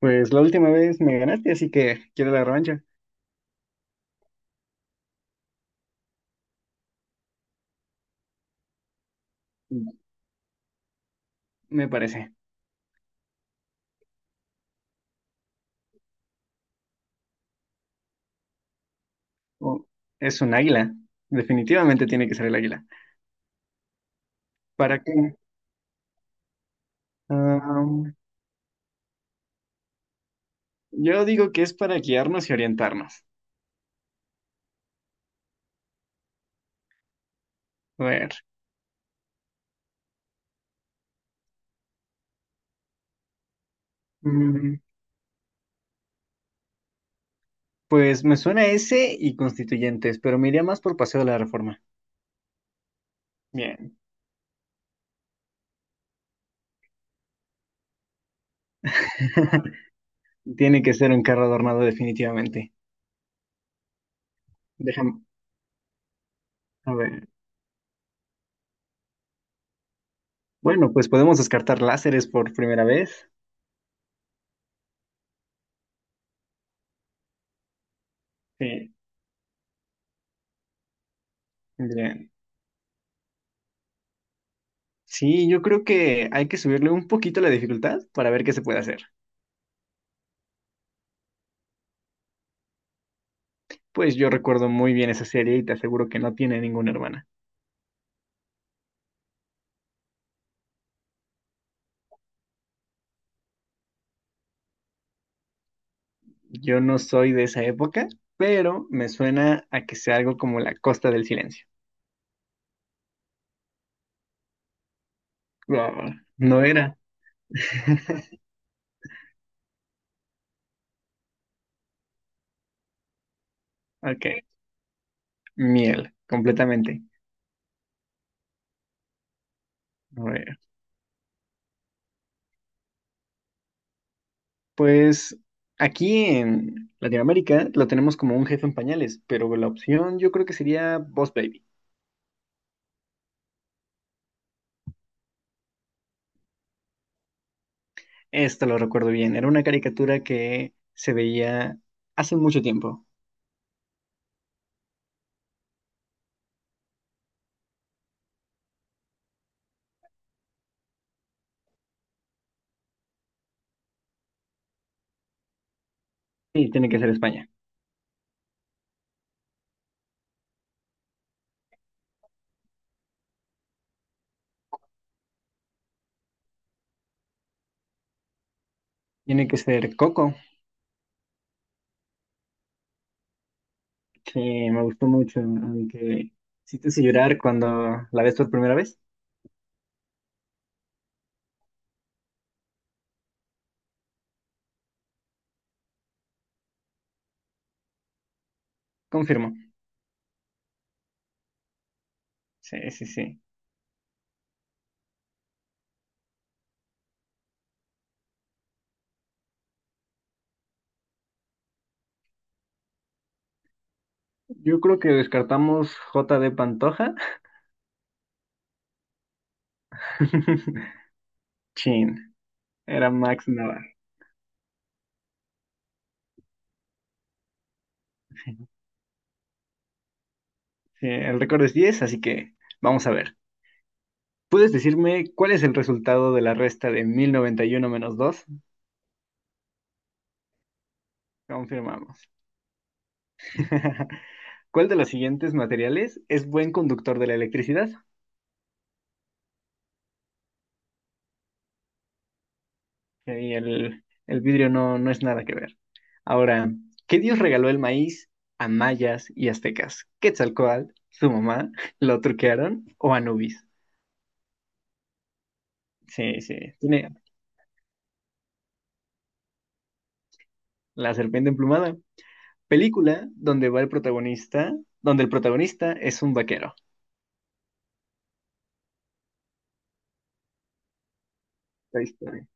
Pues la última vez me ganaste, así que quiero la revancha. Me parece. Oh, es un águila. Definitivamente tiene que ser el águila. ¿Para qué? Am, yo digo que es para guiarnos y orientarnos. A ver. mm, pues me suena ese y constituyentes, pero me iría más por Paseo de la Reforma. Bien. Tiene que ser un carro adornado definitivamente. Déjame, a ver. Bueno, pues podemos descartar láseres por primera vez. Sí, bien. Sí, yo creo que hay que subirle un poquito la dificultad para ver qué se puede hacer. Pues yo recuerdo muy bien esa serie y te aseguro que no tiene ninguna hermana. Yo no soy de esa época, pero me suena a que sea algo como La Costa del Silencio. Ah, no era. Ok, miel, completamente. A ver, pues aquí en Latinoamérica lo tenemos como un jefe en pañales, pero la opción yo creo que sería Boss Baby. Esto lo recuerdo bien. Era una caricatura que se veía hace mucho tiempo. Sí, tiene que ser España. Tiene que ser Coco, que me gustó mucho, aunque sí te hice llorar cuando la ves por primera vez. Confirmo. Sí, sí, sí. Yo creo que descartamos J.D. Pantoja. Chin, era Max Navarro. Sí, el récord es 10, así que vamos a ver. ¿Puedes decirme cuál es el resultado de la resta de 1091 menos dos? Confirmamos. ¿Cuál de los siguientes materiales es buen conductor de la electricidad? Ahí el vidrio no, no es nada que ver. Ahora, ¿qué dios regaló el maíz a mayas y aztecas? ¿Quetzalcóatl, su mamá, lo truquearon o Anubis? Sí, sí, tiene la serpiente emplumada. Película donde va el protagonista, donde el protagonista es un vaquero. Toy Story.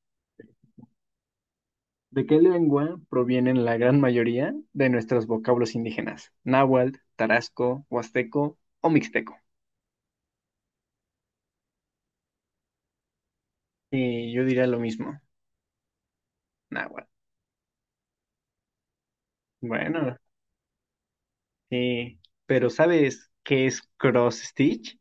¿De qué lengua provienen la gran mayoría de nuestros vocablos indígenas? Náhuatl, tarasco, huasteco o mixteco. Sí, yo diría lo mismo. Nahuatl. Bueno, sí. Pero ¿sabes qué es cross stitch?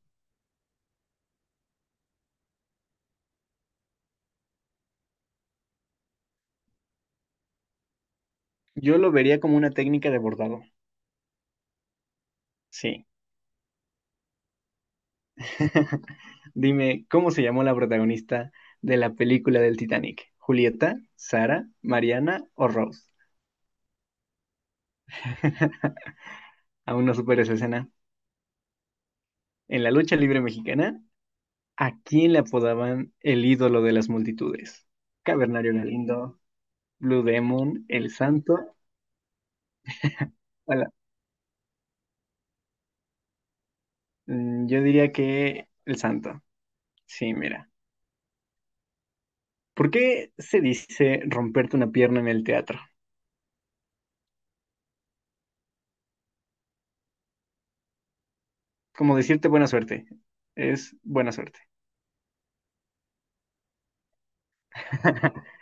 Yo lo vería como una técnica de bordado. Sí. Dime, ¿cómo se llamó la protagonista de la película del Titanic? ¿Julieta, Sara, Mariana o Rose? Aún no supero esa escena. En la lucha libre mexicana, ¿a quién le apodaban el ídolo de las multitudes? Cavernario Galindo, Blue Demon, El Santo. Yo diría que el santo. Sí, mira. ¿Por qué se dice romperte una pierna en el teatro? Como decirte buena suerte. Es buena suerte.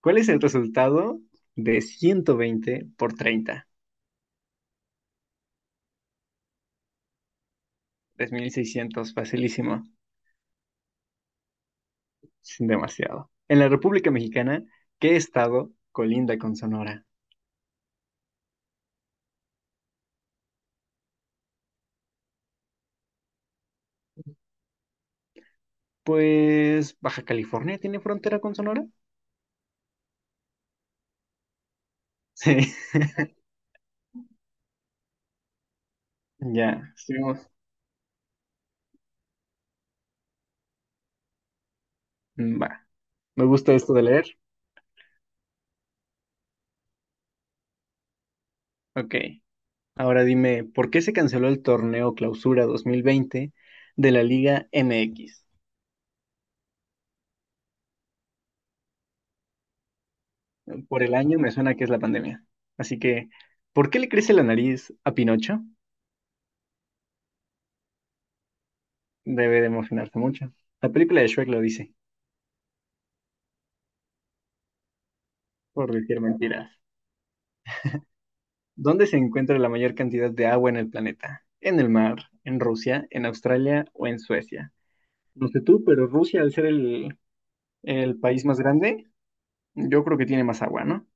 ¿Cuál es el resultado de 120 por 30? 3600, facilísimo. Sin demasiado. En la República Mexicana, ¿qué estado colinda con Sonora? Pues Baja California tiene frontera con Sonora. Sí, ya, estuvimos. Mm. Va. Me gusta esto de leer. Ok. Ahora dime, ¿por qué se canceló el torneo Clausura 2020 de la Liga MX? Por el año me suena que es la pandemia. Así que, ¿por qué le crece la nariz a Pinocho? Debe de emocionarse mucho. La película de Shrek lo dice, por decir mentiras. ¿Dónde se encuentra la mayor cantidad de agua en el planeta? ¿En el mar? ¿En Rusia? ¿En Australia o en Suecia? No sé tú, pero Rusia, al ser el país más grande, yo creo que tiene más agua, ¿no?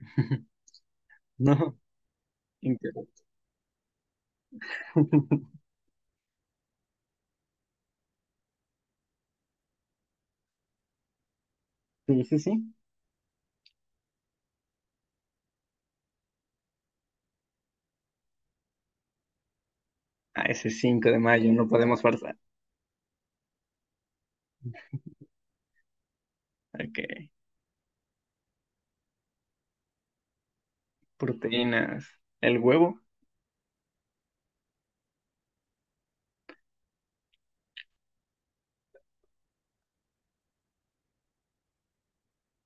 No, inter- Sí, sí, sí. Ah, ese 5 de mayo, no podemos forzar. Ok. Proteínas. El huevo.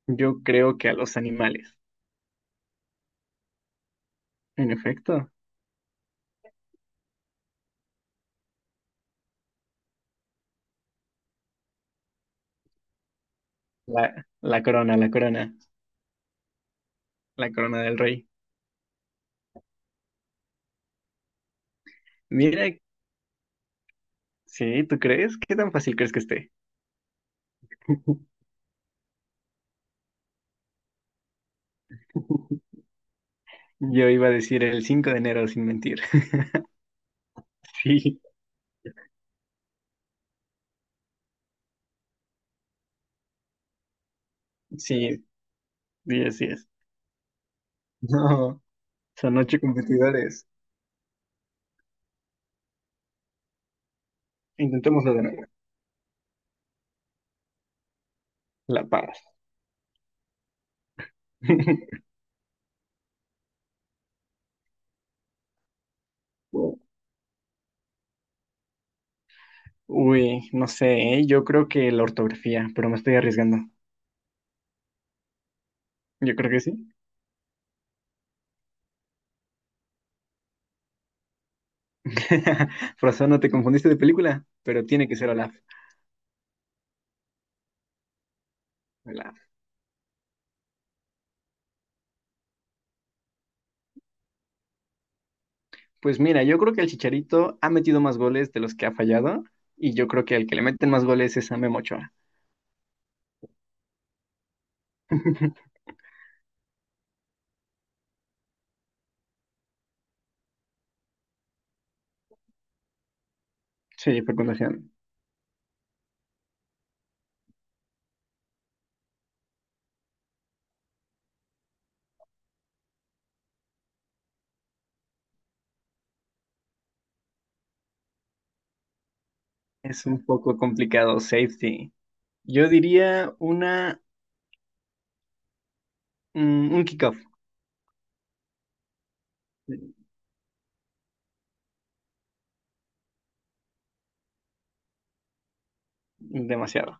Yo creo que a los animales. En efecto. La corona, la corona. La corona del rey. Mira, sí, ¿tú crees? ¿Qué tan fácil crees que esté? Yo iba a decir el 5 de enero sin mentir. Sí, sí, sí, así es. No, son 8 competidores. Intentémoslo de nuevo. La paz. Uy, no sé, ¿eh? Yo creo que la ortografía, pero me estoy arriesgando. Yo creo que sí. Por eso no te confundiste de película, pero tiene que ser Olaf. Olaf. Pues mira, yo creo que el Chicharito ha metido más goles de los que ha fallado, y yo creo que el que le meten más goles es a Memo Ochoa. Sí, fecundación. Es un poco complicado, safety. Yo diría una, un kickoff. Demasiado.